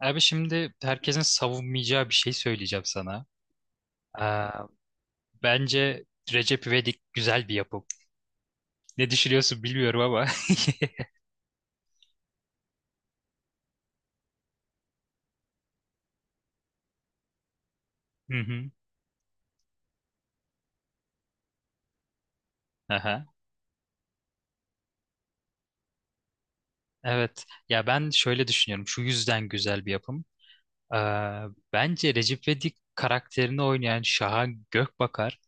Abi şimdi herkesin savunmayacağı bir şey söyleyeceğim sana. Ee, bence Recep İvedik güzel bir yapım. Ne düşünüyorsun bilmiyorum ama. Hı hı. Aha. Evet. Ya ben şöyle düşünüyorum. Şu yüzden güzel bir yapım. Ee, bence Recep İvedik karakterini oynayan Şahan Gökbakar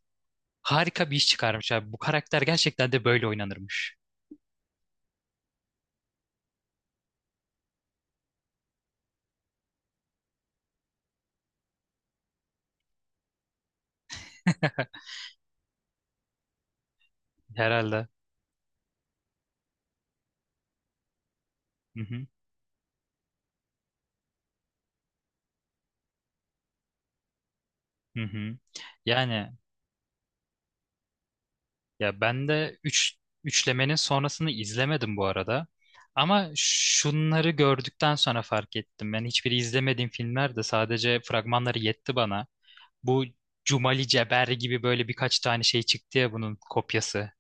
harika bir iş çıkarmış abi. Bu karakter gerçekten de böyle oynanırmış. Herhalde. Hı hı. Hı hı. Yani ya ben de üçlemenin sonrasını izlemedim bu arada. Ama şunları gördükten sonra fark ettim. Ben hiçbiri izlemediğim filmler de sadece fragmanları yetti bana. Bu Cumali Ceber gibi böyle birkaç tane şey çıktı ya bunun kopyası.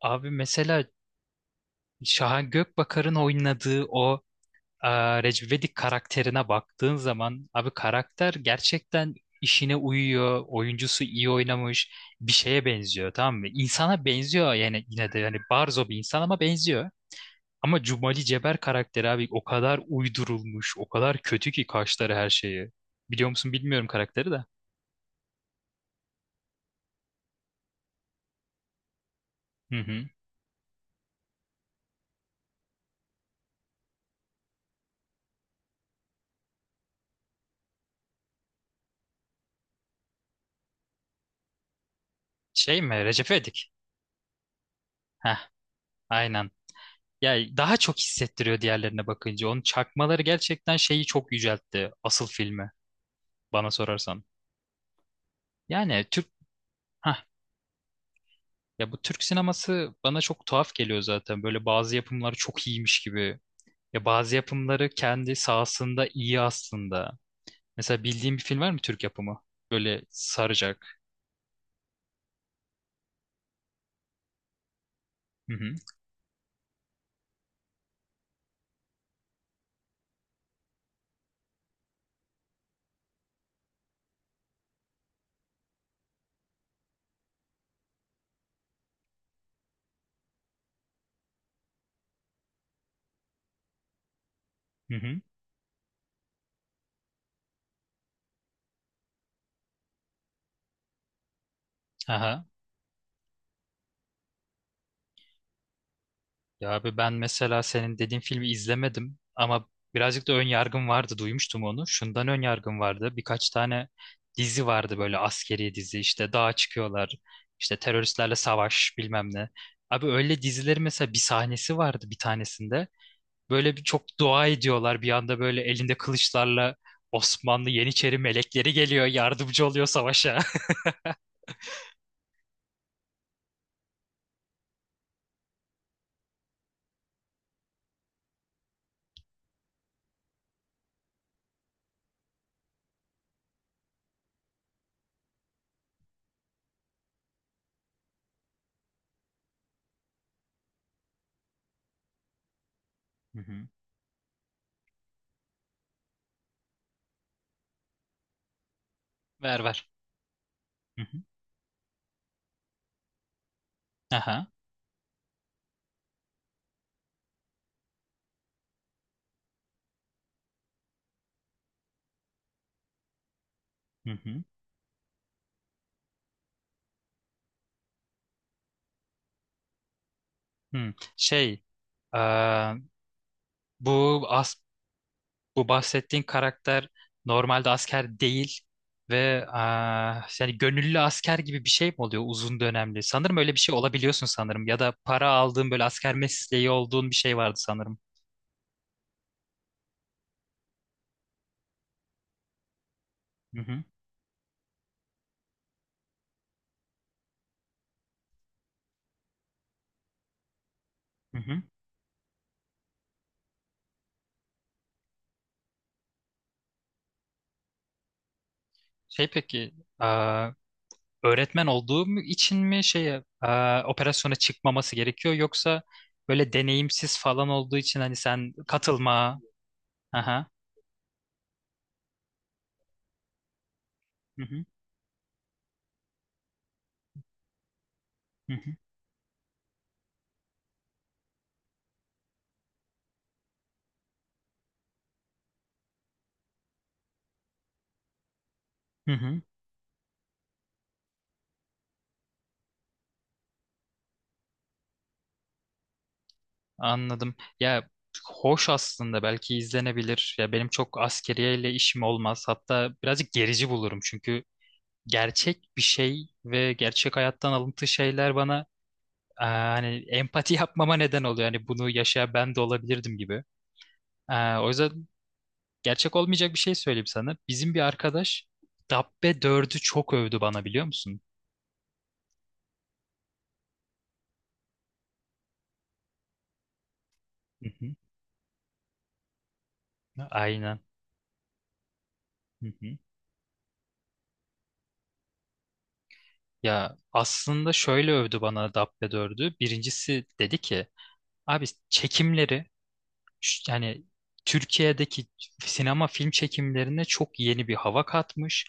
Abi mesela Şahan Gökbakar'ın oynadığı o Recep İvedik karakterine baktığın zaman abi karakter gerçekten işine uyuyor. Oyuncusu iyi oynamış. Bir şeye benziyor, tamam mı? İnsana benziyor yani, yine de yani barzo bir insan ama benziyor. Ama Cumali Ceber karakteri abi o kadar uydurulmuş, o kadar kötü ki kaşları, her şeyi. Biliyor musun bilmiyorum karakteri de. Hı hı. Şey mi? Recep İvedik. Heh, aynen. Ya daha çok hissettiriyor diğerlerine bakınca. Onun çakmaları gerçekten şeyi çok yüceltti, asıl filmi bana sorarsan. Yani Türk Hah. Ya bu Türk sineması bana çok tuhaf geliyor zaten. Böyle bazı yapımları çok iyiymiş gibi. Ya bazı yapımları kendi sahasında iyi aslında. Mesela bildiğin bir film var mı Türk yapımı? Böyle saracak. Hı hı. Hı hı. Aha. Ya abi ben mesela senin dediğin filmi izlemedim ama birazcık da ön yargım vardı, duymuştum onu. Şundan ön yargım vardı. Birkaç tane dizi vardı böyle askeri dizi, işte dağa çıkıyorlar, işte teröristlerle savaş, bilmem ne. Abi öyle dizileri mesela, bir sahnesi vardı bir tanesinde. Böyle bir çok dua ediyorlar, bir anda böyle elinde kılıçlarla Osmanlı Yeniçeri melekleri geliyor, yardımcı oluyor savaşa. Hı hı. Ver ver. Hı hı. Aha. Hı hı. Hı. Eee, bu Bu bahsettiğin karakter normalde asker değil ve yani gönüllü asker gibi bir şey mi oluyor uzun dönemli? Sanırım öyle bir şey olabiliyorsun sanırım, ya da para aldığın böyle asker mesleği olduğun bir şey vardı sanırım. Hı hı, hı hı. Şey peki, öğretmen olduğum için mi şeye operasyona çıkmaması gerekiyor, yoksa böyle deneyimsiz falan olduğu için hani sen katılma. Aha. Hı hı, hı hı, hı hı. Anladım. Ya hoş aslında, belki izlenebilir. Ya benim çok askeriyeyle işim olmaz. Hatta birazcık gerici bulurum çünkü gerçek bir şey ve gerçek hayattan alıntı şeyler bana hani empati yapmama neden oluyor. Hani bunu yaşayan ben de olabilirdim gibi. O yüzden gerçek olmayacak bir şey söyleyeyim sana. Bizim bir arkadaş Dabbe dördü çok övdü bana, biliyor musun? Hı hı. Aynen. Hı hı. Ya aslında şöyle övdü bana Dabbe dördü. Birincisi dedi ki abi çekimleri, yani Türkiye'deki sinema film çekimlerine çok yeni bir hava katmış.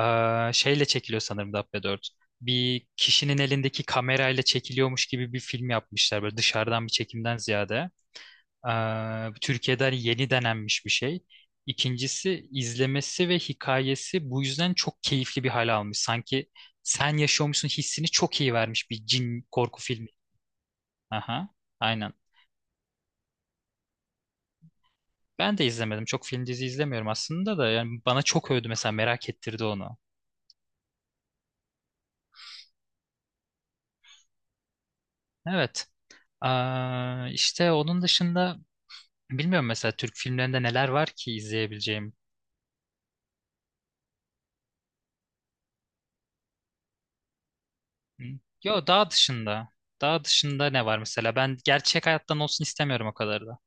Şeyle çekiliyor sanırım Dabbe dört. Bir kişinin elindeki kamerayla çekiliyormuş gibi bir film yapmışlar, böyle dışarıdan bir çekimden ziyade. Türkiye'de hani yeni denenmiş bir şey. İkincisi, izlemesi ve hikayesi bu yüzden çok keyifli bir hale almış. Sanki sen yaşıyormuşsun hissini çok iyi vermiş bir cin korku filmi. Aha, aynen. Ben de izlemedim. Çok film dizi izlemiyorum aslında da. Yani bana çok övdü, mesela merak ettirdi onu. Evet. İşte onun dışında bilmiyorum mesela Türk filmlerinde neler var ki izleyebileceğim. Hı? Yo, daha dışında. Daha dışında ne var mesela? Ben gerçek hayattan olsun istemiyorum o kadar da.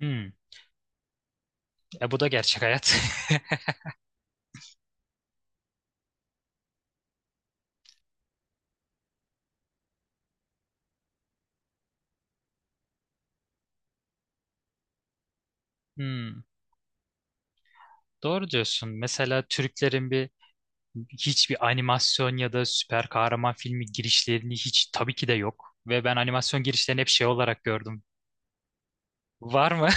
Hmm. E bu da gerçek hayat. Hmm. Doğru diyorsun. Mesela Türklerin bir Hiçbir animasyon ya da süper kahraman filmi girişlerini hiç, tabii ki de yok. Ve ben animasyon girişlerini hep şey olarak gördüm. Var mı?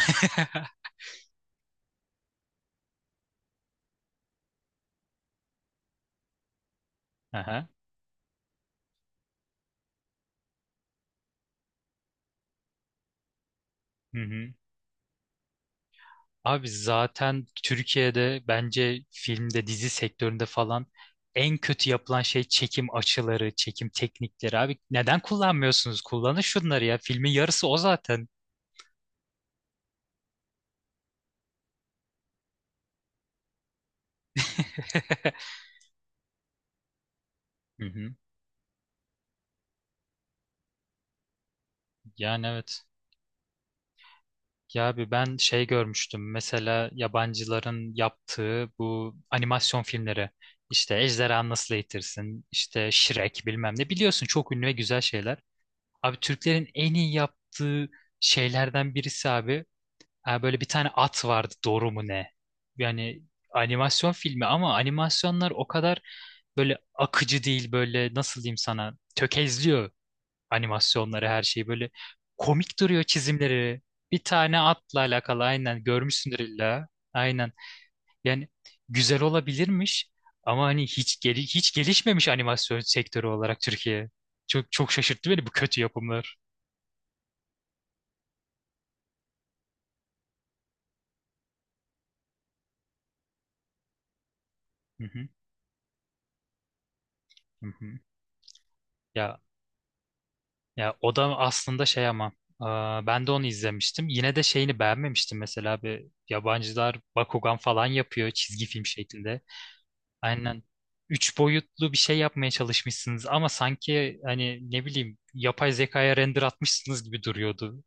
Aha. Hı hı. Abi zaten Türkiye'de bence filmde, dizi sektöründe falan en kötü yapılan şey çekim açıları, çekim teknikleri. Abi neden kullanmıyorsunuz? Kullanın şunları ya. Filmin yarısı o zaten. Hı hı. Yani evet. Ya abi ben şey görmüştüm. Mesela yabancıların yaptığı bu animasyon filmleri. İşte Ejderha Nasıl Eğitirsin, işte Shrek bilmem ne. Biliyorsun, çok ünlü ve güzel şeyler. Abi Türklerin en iyi yaptığı şeylerden birisi abi. Ha, böyle bir tane at vardı, doğru mu ne? Yani animasyon filmi, ama animasyonlar o kadar böyle akıcı değil, böyle nasıl diyeyim sana, tökezliyor animasyonları, her şeyi, böyle komik duruyor çizimleri. Bir tane atla alakalı, aynen, görmüşsündür illa. Aynen, yani güzel olabilirmiş ama hani hiç gelişmemiş animasyon sektörü olarak Türkiye. Çok çok şaşırttı beni bu kötü yapımlar. Hı hı. Ya ya o da aslında şey ama ben de onu izlemiştim. Yine de şeyini beğenmemiştim, mesela bir yabancılar Bakugan falan yapıyor çizgi film şeklinde. Aynen, üç boyutlu bir şey yapmaya çalışmışsınız ama sanki hani ne bileyim yapay zekaya render atmışsınız gibi duruyordu.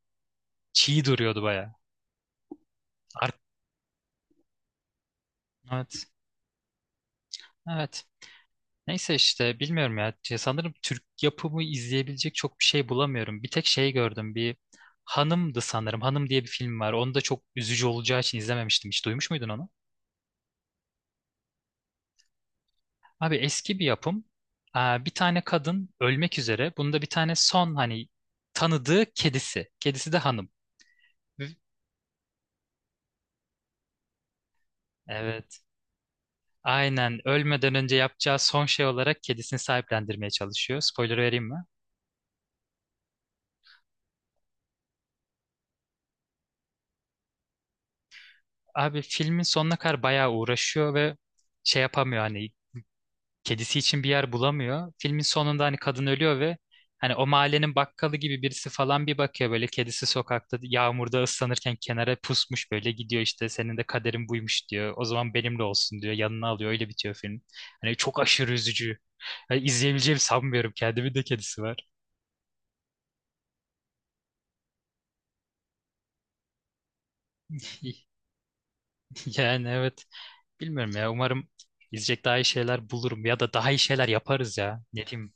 Çiğ duruyordu baya. Ar- evet. Evet. Neyse işte bilmiyorum ya. Ya sanırım Türk yapımı izleyebilecek çok bir şey bulamıyorum. Bir tek şey gördüm. Hanım'dı sanırım. Hanım diye bir film var. Onu da çok üzücü olacağı için izlememiştim. Hiç duymuş muydun onu? Abi eski bir yapım. Aa, bir tane kadın ölmek üzere. Bunda bir tane son hani tanıdığı kedisi. Kedisi de Hanım. Evet. Aynen. Ölmeden önce yapacağı son şey olarak kedisini sahiplendirmeye çalışıyor. Spoiler vereyim mi? Abi filmin sonuna kadar bayağı uğraşıyor ve şey yapamıyor, hani kedisi için bir yer bulamıyor. Filmin sonunda hani kadın ölüyor ve hani o mahallenin bakkalı gibi birisi falan bir bakıyor böyle, kedisi sokakta yağmurda ıslanırken kenara pusmuş, böyle gidiyor, işte senin de kaderin buymuş diyor. O zaman benimle olsun diyor. Yanına alıyor, öyle bitiyor film. Hani çok aşırı üzücü. Yani izleyebileceğimi sanmıyorum. Kendimin de kedisi var. Yani evet. Bilmiyorum ya. Umarım izleyecek daha iyi şeyler bulurum, ya da daha iyi şeyler yaparız ya. Ne diyeyim?